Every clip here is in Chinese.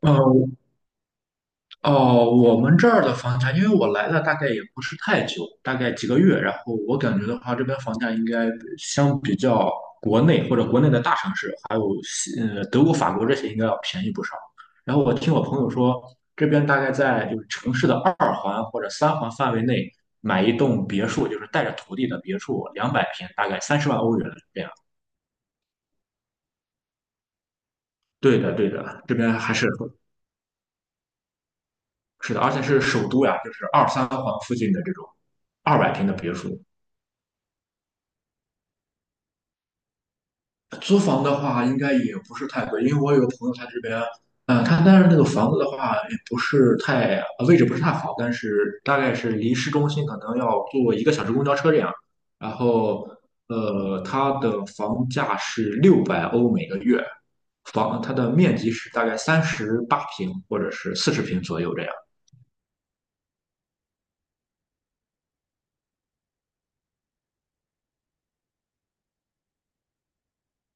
呃，哦，我们这儿的房价，因为我来了大概也不是太久，大概几个月，然后我感觉的话，这边房价应该相比较国内或者国内的大城市，还有德国、法国这些，应该要便宜不少。然后我听我朋友说，这边大概在就是城市的二环或者三环范围内买一栋别墅，就是带着土地的别墅，200平，大概30万欧元这样。对的，对的，这边还是是的，而且是首都呀，就是二三环附近的这种二百平的别墅。租房的话，应该也不是太贵，因为我有个朋友他这边，但是那个房子的话，也不是太，呃位置不是太好，但是大概是离市中心可能要坐一个小时公交车这样。然后，它的房价是600欧每个月，它的面积是大概38平或者是40平左右这样。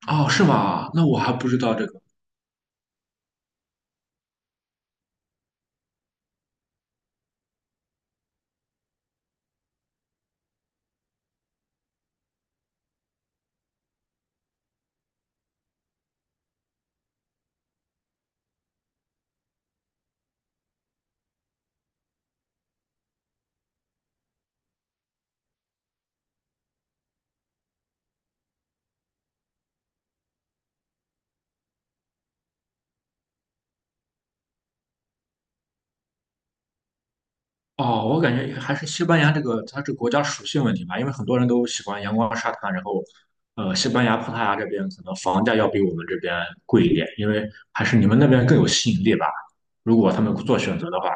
哦，是吗？那我还不知道这个。哦，我感觉还是西班牙这个它这个国家属性问题吧，因为很多人都喜欢阳光沙滩，然后，西班牙、葡萄牙这边可能房价要比我们这边贵一点，因为还是你们那边更有吸引力吧。如果他们做选择的话，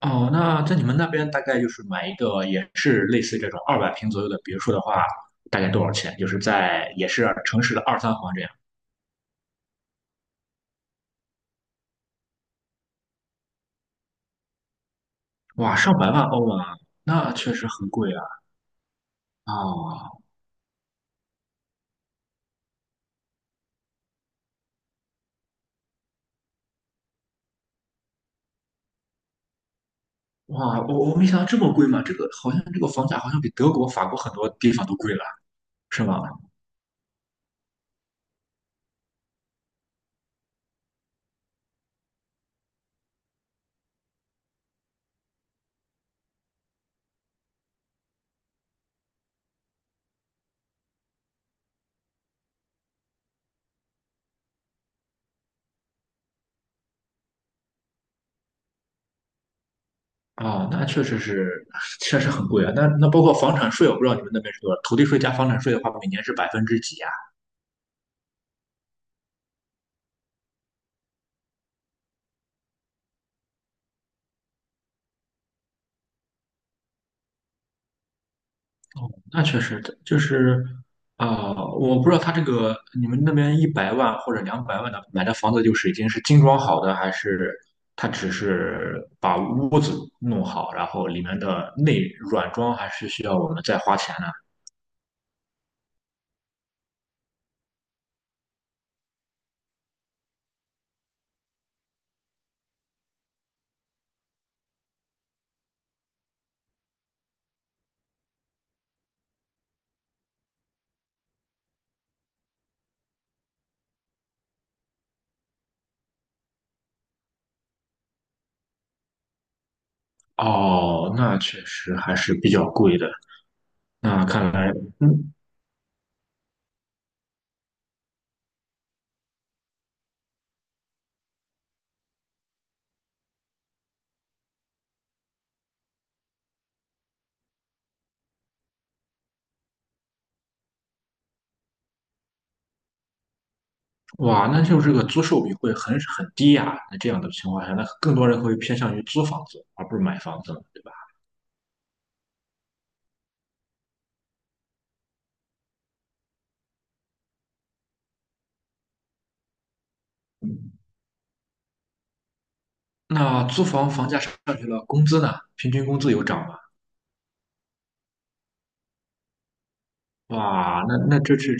哦，那在你们那边大概就是买一个也是类似这种二百平左右的别墅的话，大概多少钱？就是在也是城市的二三环这样，哇，上百万欧啊，那确实很贵啊。哦，哇，我没想到这么贵嘛！这个好像这个房价好像比德国、法国很多地方都贵了，是吗？啊，那确实是，确实很贵啊。那包括房产税，我不知道你们那边是多少，土地税加房产税的话，每年是百分之几啊？哦，那确实的，就是啊、我不知道他这个你们那边100万或者200万的买的房子，就是已经是精装好的，还是他只是把屋子弄好，然后里面的内软装还是需要我们再花钱的？哦，那确实还是比较贵的。那看来，嗯，哇，那就这个租售比会很低呀。那这样的情况下，那更多人会偏向于租房子，而不是买房子了，对吧？嗯，那租房房价上去了，工资呢？平均工资有涨吗？哇，那这是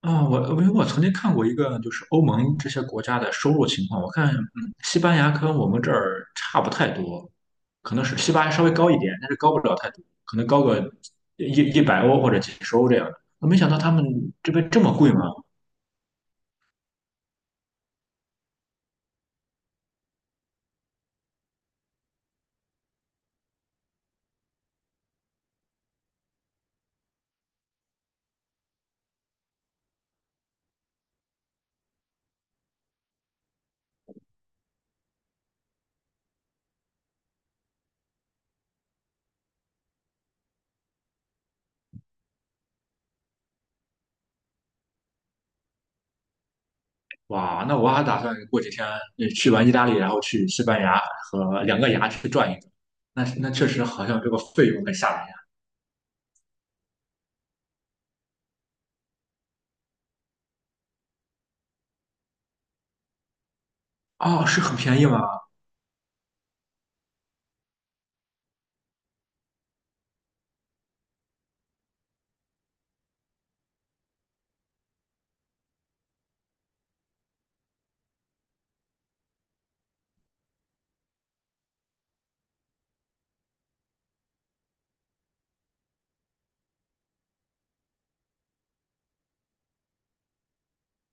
啊，我因为我曾经看过一个，就是欧盟这些国家的收入情况，我看，嗯，西班牙跟我们这儿差不太多，可能是西班牙稍微高一点，但是高不了太多，可能高个一一百欧或者几十欧这样的。我没想到他们这边这么贵吗？哇，那我还打算过几天去完意大利，然后去西班牙和两个牙去转一转。那确实好像这个费用很吓人呀。哦，是很便宜吗？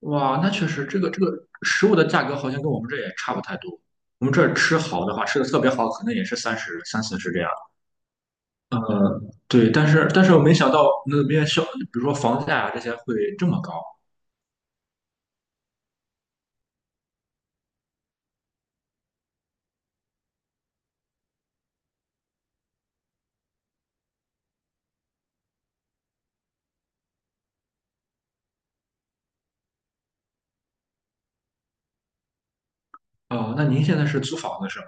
哇，那确实，这个食物的价格好像跟我们这也差不太多。我们这儿吃好的话，吃的特别好，可能也是三十、三四十这样。呃，对，但是我没想到那边比如说房价啊这些会这么高。哦，那您现在是租房子是吗？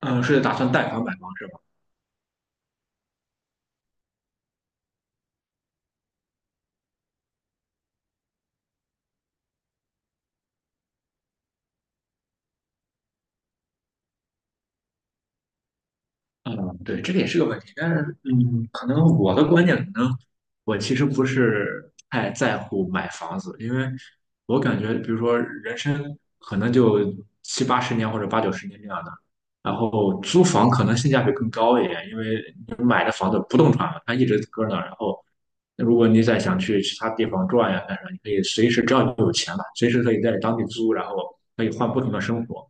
嗯、是打算贷款买房是吗？嗯，对，这个也是个问题，但是，嗯，可能我的观念，可能我其实不是太在乎买房子，因为我感觉，比如说人生可能就七八十年或者八九十年这样的，然后租房可能性价比更高一点，因为你买的房子不动产嘛，它一直搁那儿，然后如果你再想去其他地方转呀干啥，你可以随时，只要你有钱嘛，随时可以在当地租，然后可以换不同的生活。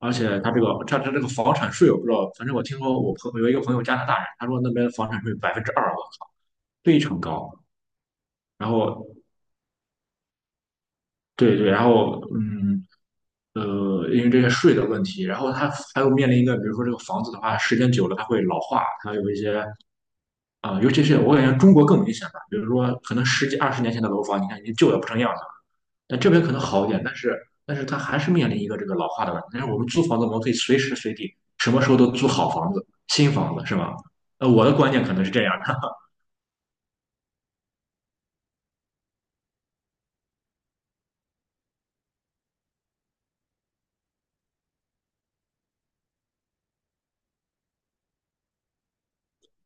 而且他这个房产税，我不知道，反正我听说我有一个朋友加拿大人，他说那边房产税2%啊，非常高。然后对对，然后因为这些税的问题，然后他还有面临一个，比如说这个房子的话，时间久了它会老化，它有一些尤其是我感觉中国更明显吧，比如说可能十几二十年前的楼房，你看已经旧的不成样了。那这边可能好一点，但是它还是面临一个这个老化的问题。但是我们租房子，我们可以随时随地、什么时候都租好房子、新房子，是吧？我的观念可能是这样的。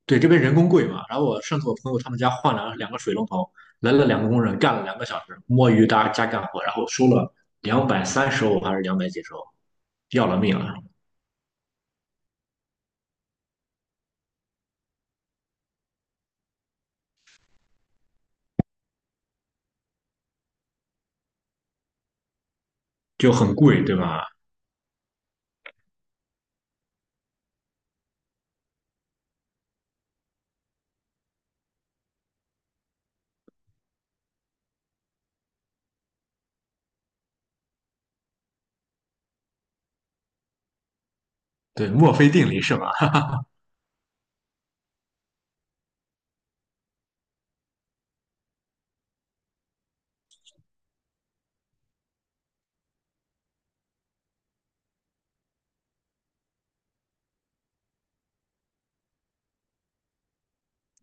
对，这边人工贵嘛。然后我上次我朋友他们家换了两个水龙头，来了两个工人，干了2个小时，摸鱼搭加干活，然后收了230欧还是两百几十欧，要了命了，就很贵，对吧？对，墨菲定理是吧？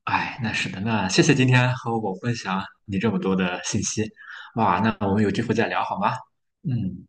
哎，那是的，那谢谢今天和我分享你这么多的信息，哇，那我们有机会再聊好吗？嗯。